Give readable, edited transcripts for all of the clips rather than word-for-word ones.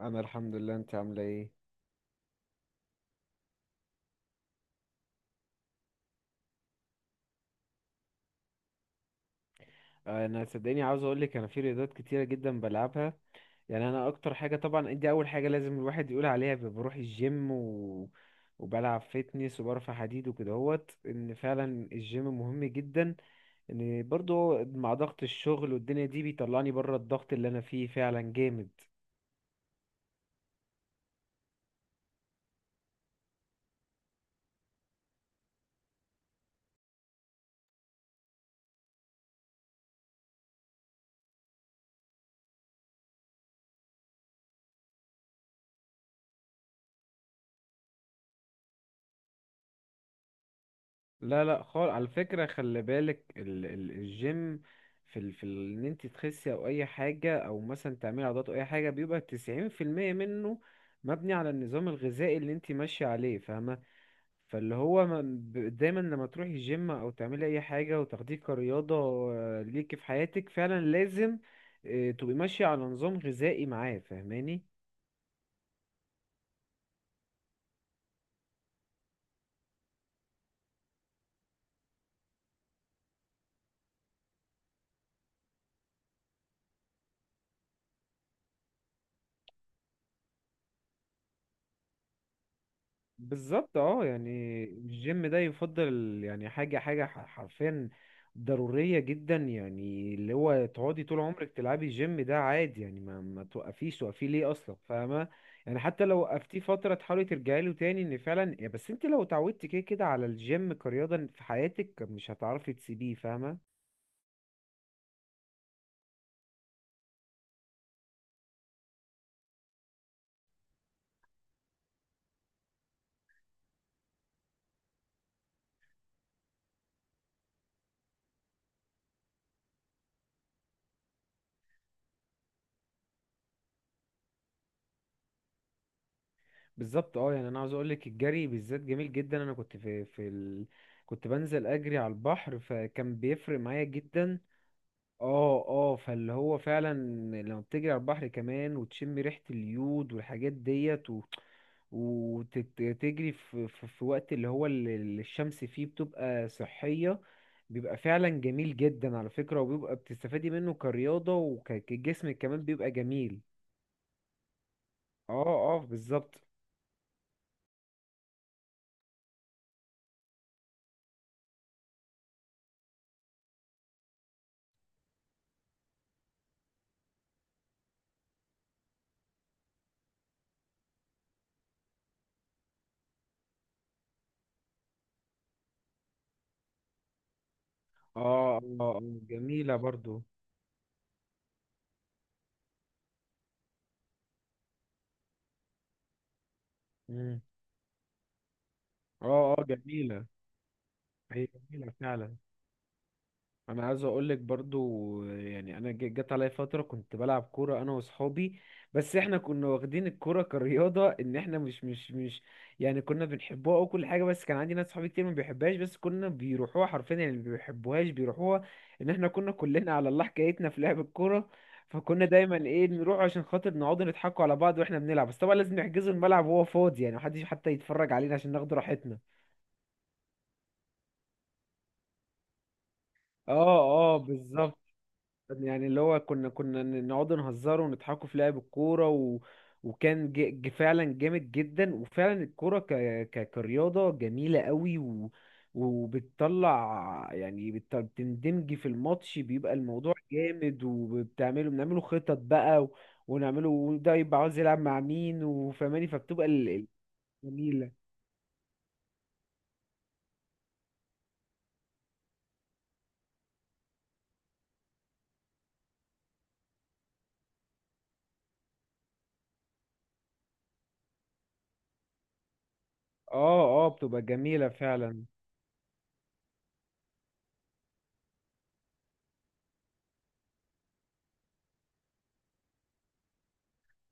انا الحمد لله. انت عامله ايه؟ انا صدقني عاوز اقول لك، انا في رياضات كتيره جدا بلعبها. يعني انا اكتر حاجه، طبعا دي اول حاجه لازم الواحد يقول عليها، بروح الجيم، و... وبلعب فيتنس وبرفع حديد وكدهوت ان فعلا الجيم مهم جدا، ان برضو مع ضغط الشغل والدنيا دي بيطلعني بره الضغط اللي انا فيه فعلا جامد. لا لا خالص، على فكرة خلي بالك ال الجيم، في ال ان انت تخسي او اي حاجة، او مثلا تعملي عضلات او اي حاجة، بيبقى 90% منه مبني على النظام الغذائي اللي انت ماشية عليه، فاهمة. فاللي هو دايما لما تروحي الجيم او تعملي اي حاجة وتاخديه كرياضة، آه، ليكي في حياتك فعلا لازم، آه، تبقي ماشية على نظام غذائي معاه، فاهماني. بالظبط اه، يعني الجيم ده يفضل، يعني حرفيا ضرورية جدا، يعني اللي هو تقعدي طول عمرك تلعبي الجيم ده عادي، يعني ما توقفيش، توقفيه ليه اصلا، فاهمة. يعني حتى لو وقفتيه فترة تحاولي ترجعي له تاني ان فعلا، يا بس انت لو اتعودتي كده كده على الجيم كرياضة في حياتك مش هتعرفي تسيبيه، فاهمة. بالظبط اه، يعني انا عاوز اقولك الجري بالذات جميل جدا. انا كنت كنت بنزل اجري على البحر، فكان بيفرق معايا جدا. اه اه فاللي هو فعلا لما بتجري على البحر كمان وتشم ريحة اليود والحاجات ديت، و... وتجري في وقت اللي هو الشمس فيه بتبقى صحية، بيبقى فعلا جميل جدا على فكرة، وبيبقى بتستفادي منه كرياضة وكجسم كمان بيبقى جميل. اه اه بالظبط. اه اه، جميلة برضو. مم. اه اه جميلة. هي جميلة فعلا. انا عايز اقول لك برضو، يعني انا جت عليا فتره كنت بلعب كوره انا واصحابي، بس احنا كنا واخدين الكوره كرياضه ان احنا مش مش مش يعني كنا بنحبوها او كل حاجه، بس كان عندي ناس صحابي كتير ما بيحبهاش، بس كنا بيروحوها حرفيا، يعني ما بيحبوهاش بيروحوها، ان احنا كنا كلنا على الله حكايتنا في لعب الكوره. فكنا دايما ايه نروح عشان خاطر نقعد نضحكوا على بعض واحنا بنلعب، بس طبعا لازم نحجزوا الملعب وهو فاضي، يعني محدش حتى يتفرج علينا عشان ناخد راحتنا. اه اه بالظبط. يعني اللي هو كنا نقعد نهزر ونضحكوا في لعب الكورة، و... وكان فعلا جامد جدا، وفعلا الكورة كرياضة جميلة قوي، و... وبتطلع يعني بتندمجي في الماتش، بيبقى الموضوع جامد، بنعمله خطط بقى، و... ونعمله وده يبقى عاوز يلعب مع مين، وفهماني، فبتبقى جميلة. اه اه بتبقى جميلة فعلا.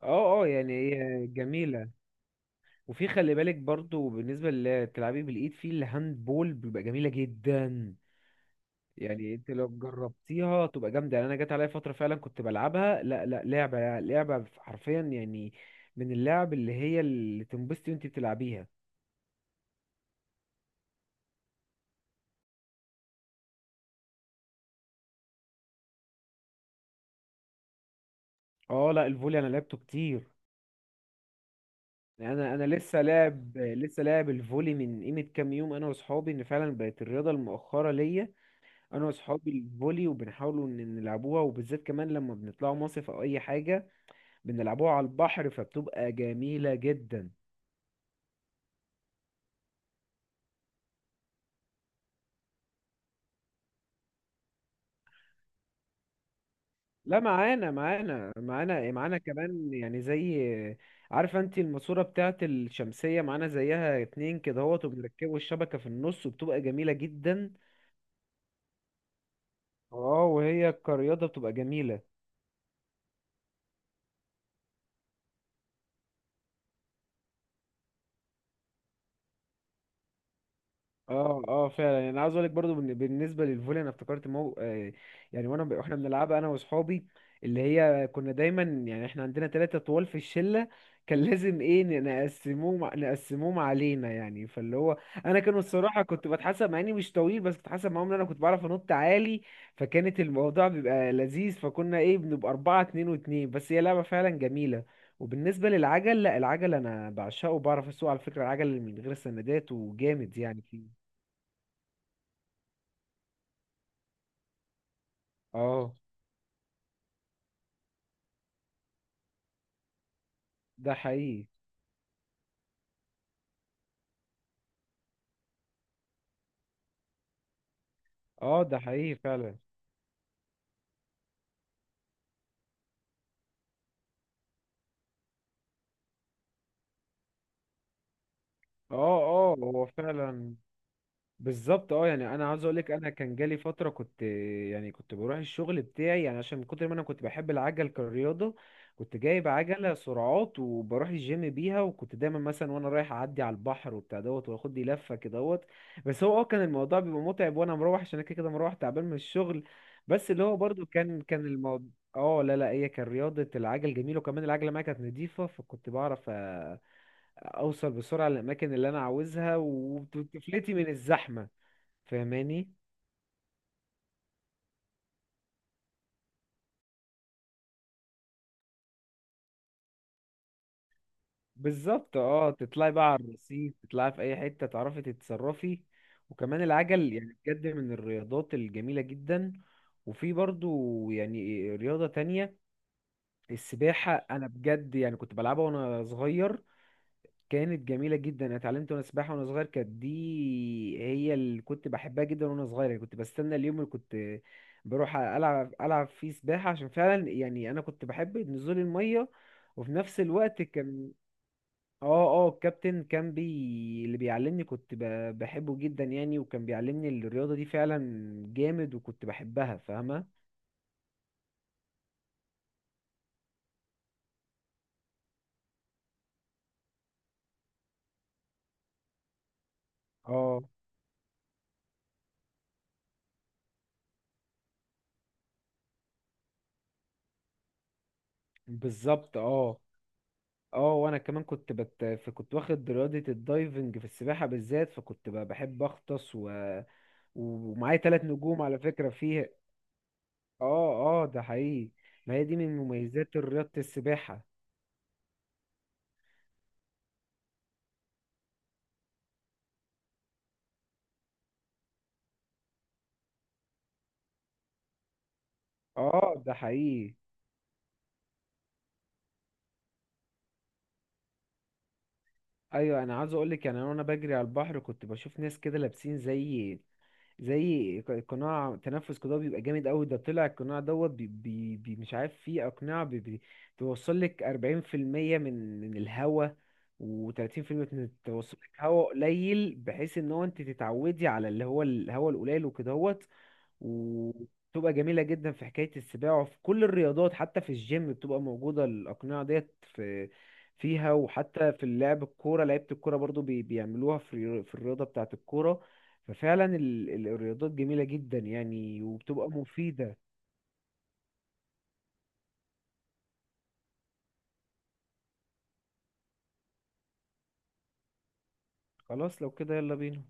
اه اه، يعني هي جميلة. وفي خلي بالك برضو، بالنسبة اللي بتلعبي بالإيد في الهاند بول بيبقى جميلة جدا. يعني انت لو جربتيها تبقى جامدة، يعني انا جات عليا فترة فعلا كنت بلعبها لا لا، لعبة لعبة حرفيا، يعني من اللعب اللي هي اللي تنبسطي وانت بتلعبيها. اه لا، الفولي انا لعبته كتير. انا لسه لاعب، لسه لاعب الفولي من قيمة كام يوم انا واصحابي، ان فعلا بقت الرياضة المؤخرة ليا انا واصحابي الفولي، وبنحاولوا ان نلعبوها، وبالذات كمان لما بنطلعوا مصيف او اي حاجة بنلعبوها على البحر فبتبقى جميلة جدا. لا معانا معانا كمان، يعني زي، عارفة انت الماسورة بتاعة الشمسية معانا زيها اتنين كده اهوت، وبنركبوا الشبكة في النص وبتبقى جميلة جدا. اه وهي كرياضة بتبقى جميلة. اه اه فعلا، يعني انا عاوز اقول لك برضو، بالنسبه للفولي انا افتكرت آه، يعني واحنا بنلعبها انا واصحابي، اللي هي كنا دايما، يعني احنا عندنا ثلاثه طوال في الشله، كان لازم ايه نقسموهم علينا، يعني فاللي هو انا كانوا الصراحه كنت بتحسب مع اني مش طويل، بس كنت بتحسب معاهم ان انا كنت بعرف انط عالي، فكانت الموضوع بيبقى لذيذ، فكنا ايه بنبقى اربعه اتنين واتنين. بس هي لعبه فعلا جميله. وبالنسبه للعجل، لا العجل انا بعشقه، وبعرف اسوق على فكره العجل من غير سندات وجامد يعني. اه ده حقيقي. اه ده حقيقي فعلا. اه اه هو فعلا. بالظبط اه، يعني انا عاوز اقول لك انا كان جالي فتره كنت، يعني كنت بروح الشغل بتاعي، يعني عشان من كتر ما انا كنت بحب العجل كرياضه كنت جايب عجله سرعات، وبروح الجيم بيها، وكنت دايما مثلا وانا رايح اعدي على البحر وبتاع دوت، واخد لي لفه كده دوت. بس هو اه كان الموضوع بيبقى متعب وانا مروح، عشان انا كده كده مروح تعبان من الشغل. بس اللي هو برضو كان الموضوع، اه لا لا، هي كان رياضه العجل جميله، وكمان العجله معايا كانت نضيفه، فكنت بعرف اوصل بسرعه للاماكن اللي انا عاوزها وتفلتي من الزحمه، فاهماني. بالظبط اه تطلعي بقى على الرصيف، تطلعي في اي حته تعرفي تتصرفي، وكمان العجل يعني بجد من الرياضات الجميله جدا. وفي برضو يعني رياضه تانية، السباحه انا بجد يعني كنت بلعبها وانا صغير، كانت جميله جدا، انا اتعلمت وانا سباحه وانا صغير، كانت دي هي اللي كنت بحبها جدا وانا صغير، يعني كنت بستنى اليوم اللي كنت بروح العب، فيه سباحه، عشان فعلا يعني انا كنت بحب نزول الميه، وفي نفس الوقت كان، اه اه الكابتن كان اللي بيعلمني كنت بحبه جدا يعني، وكان بيعلمني الرياضة دي فعلا جامد، وكنت بحبها، فاهمة. اه بالظبط. اه اه، وانا كمان فكنت واخد رياضة الدايفنج في السباحة بالذات، فكنت بحب اغطس، و... ومعايا ثلاث نجوم على فكرة فيها. اه اه ده حقيقي. ما هي دي من مميزات رياضة السباحة. اه ده حقيقي. ايوه انا عاوز اقول لك يعني انا وانا بجري على البحر كنت بشوف ناس كده لابسين زي، زي قناع تنفس قضاء بيبقى جامد قوي، ده طلع القناع دوت بي بي بي مش عارف فيه اقناع بي بي توصل لك 40% من الهواء، و30% من توصل لك هواء قليل بحيث ان هو انت تتعودي على اللي هو الهواء القليل وكدهوت، وبتبقى جميلة جدا في حكاية السباعة وفي كل الرياضات، حتى في الجيم بتبقى موجودة الأقنعة ديت في فيها، وحتى في لعب الكورة لعيبة الكورة برضو بيعملوها في الرياضة بتاعة الكورة، ففعلا الرياضات جميلة جدا يعني وبتبقى مفيدة. خلاص لو كده يلا بينا.